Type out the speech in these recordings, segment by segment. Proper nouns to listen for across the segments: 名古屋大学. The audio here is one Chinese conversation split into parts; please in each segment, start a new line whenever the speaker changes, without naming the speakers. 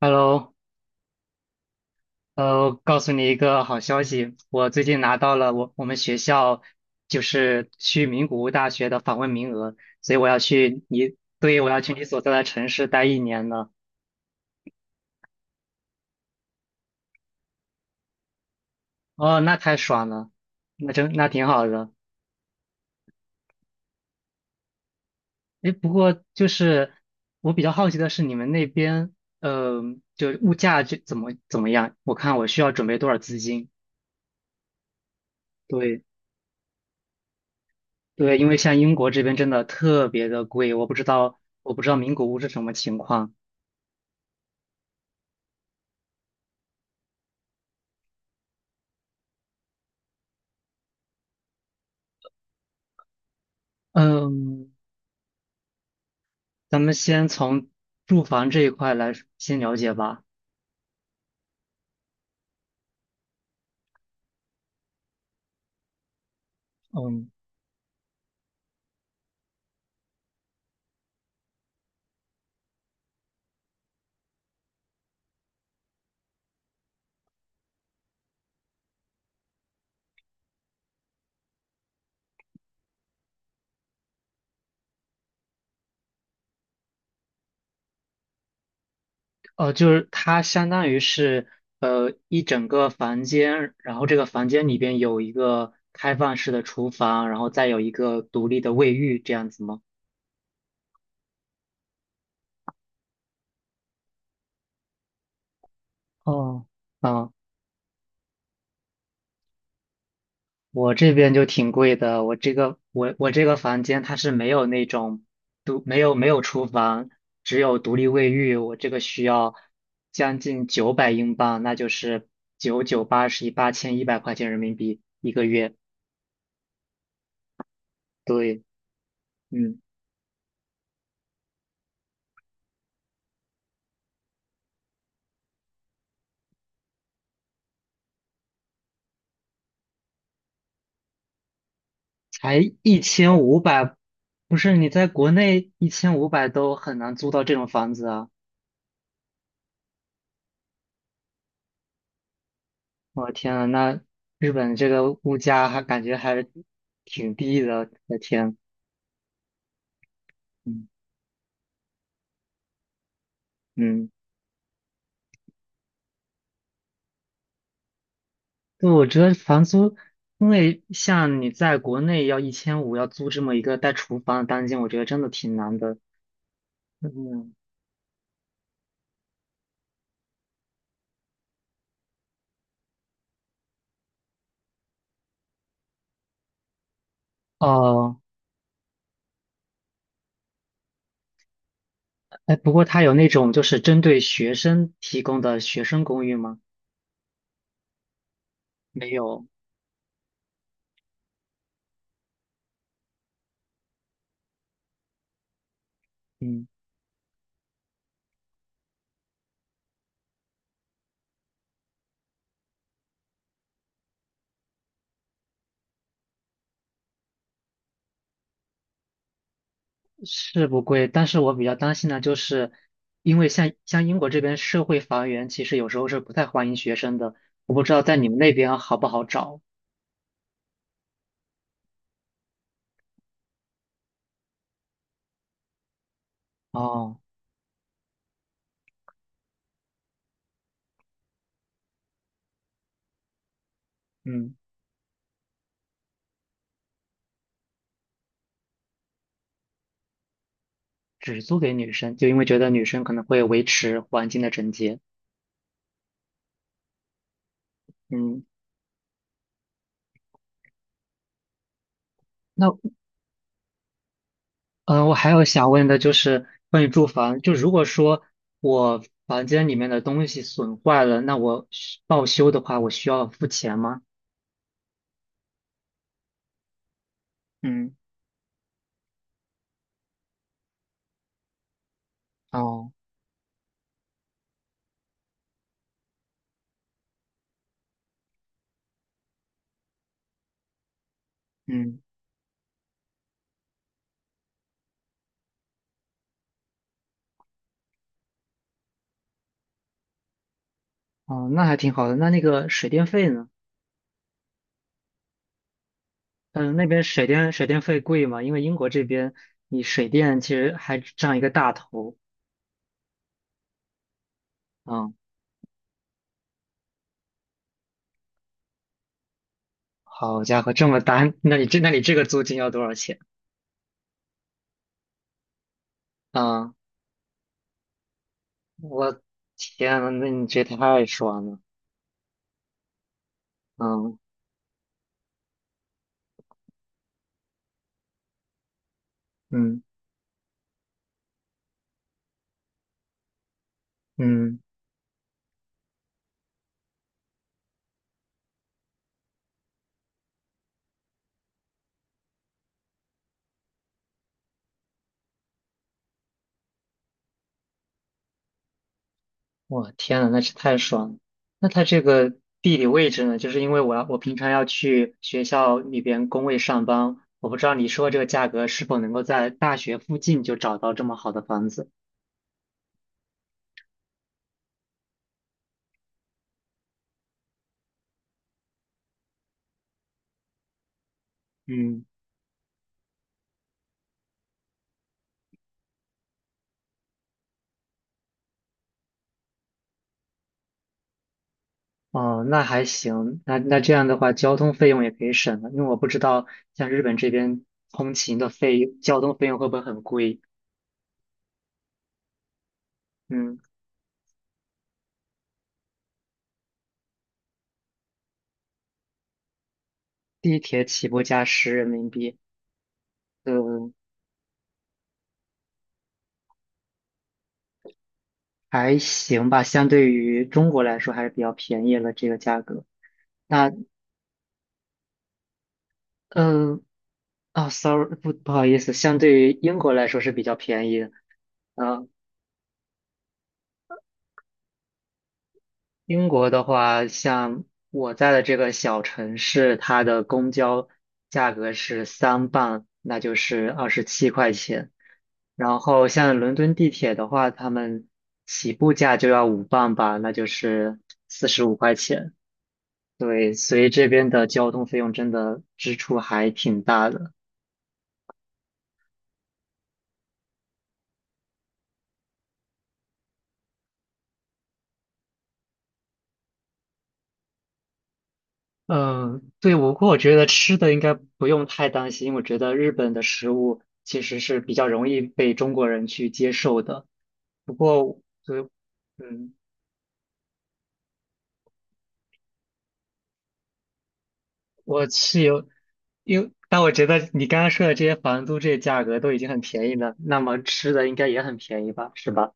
Hello，告诉你一个好消息，我最近拿到了我们学校就是去名古屋大学的访问名额，所以我要去你，对，我要去你所在的城市待一年了。哦，那太爽了，那挺好的。诶，不过就是我比较好奇的是你们那边，呃，就物价就怎么样？我看我需要准备多少资金？对，对，因为像英国这边真的特别的贵，我不知道名古屋是什么情况。嗯，咱们先从住房这一块来先了解吧。嗯，哦，就是它相当于是一整个房间，然后这个房间里边有一个开放式的厨房，然后再有一个独立的卫浴，这样子吗？哦，啊。我这边就挺贵的，我这个房间它是没有那种独没有没有厨房，只有独立卫浴，我这个需要将近900英镑，那就是九九八十一8100块钱人民币一个月。对，嗯，才一千五百，不是你在国内一千五百都很难租到这种房子啊！我的天啊，那日本这个物价还感觉还挺低的，我的天，嗯嗯。对，我觉得房租，因为像你在国内要一千五要租这么一个带厨房的单间，我觉得真的挺难的。嗯，哦，哎，不过它有那种就是针对学生提供的学生公寓吗？没有，嗯，是不贵，但是我比较担心的就是，因为像英国这边社会房源其实有时候是不太欢迎学生的，我不知道在你们那边好不好找。哦，嗯，只租给女生，就因为觉得女生可能会维持环境的整洁。嗯，那，嗯，我还有想问的就是关于住房，就如果说我房间里面的东西损坏了，那我需报修的话，我需要付钱吗？嗯，哦，嗯，哦，那还挺好的。那个水电费呢？嗯，那边水电费贵吗？因为英国这边你水电其实还占一个大头。嗯，好家伙，这么大，那你这个租金要多少钱？嗯，我天呐，那你这太爽了。嗯嗯嗯。我天呐，那是太爽了！那它这个地理位置呢？就是因为我平常要去学校里边工位上班，我不知道你说这个价格是否能够在大学附近就找到这么好的房子。嗯，哦，那还行，那这样的话，交通费用也可以省了，因为我不知道像日本这边通勤的费用，交通费用会不会很贵？嗯，地铁起步价10人民币，嗯，还行吧，相对于中国来说还是比较便宜了这个价格。那，嗯，啊，sorry，不好意思，相对于英国来说是比较便宜的。嗯，英国的话，像我在的这个小城市，它的公交价格是3磅，那就是27块钱。然后像伦敦地铁的话，他们起步价就要5磅吧，那就是45块钱。对，所以这边的交通费用真的支出还挺大的。嗯，对，我不过我觉得吃的应该不用太担心。我觉得日本的食物其实是比较容易被中国人去接受的。不过，对，嗯，我是有，因为但我觉得你刚刚说的这些房租这些价格都已经很便宜了，那么吃的应该也很便宜吧，是吧？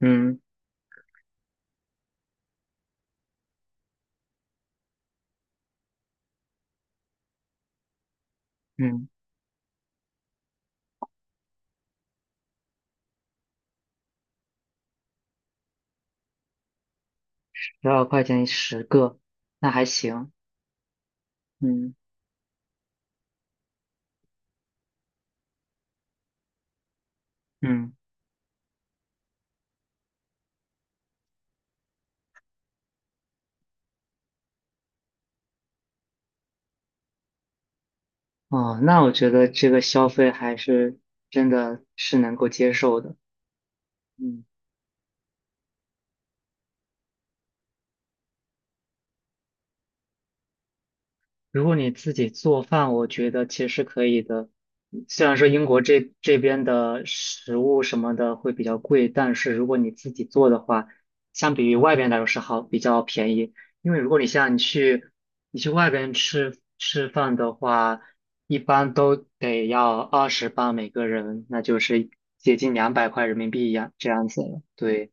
嗯嗯，12块钱10个，那还行。嗯嗯，哦，那我觉得这个消费还是真的是能够接受的。嗯。如果你自己做饭，我觉得其实可以的。虽然说英国这边的食物什么的会比较贵，但是如果你自己做的话，相比于外边来说是好，比较便宜。因为如果你像你去外边吃饭的话，一般都得要20磅每个人，那就是接近200块人民币样这样子了。对，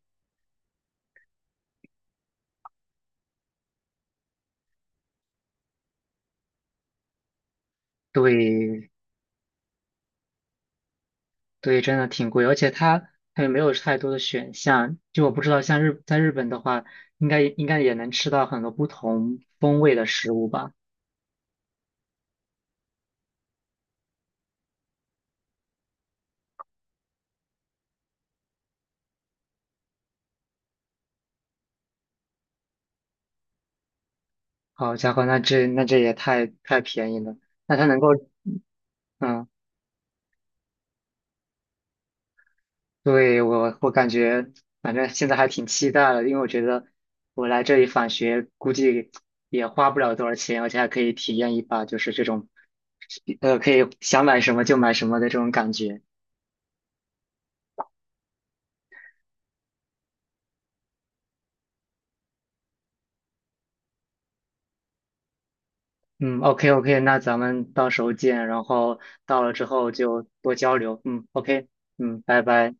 对，对，真的挺贵，而且它也没有太多的选项。就我不知道，在日本的话，应该也能吃到很多不同风味的食物吧？好家伙，那这也太便宜了。那它能够，嗯，对，我感觉，反正现在还挺期待的，因为我觉得我来这里返学，估计也花不了多少钱，而且还可以体验一把就是这种，可以想买什么就买什么的这种感觉。嗯，OK OK，那咱们到时候见，然后到了之后就多交流。嗯，OK，嗯，拜拜。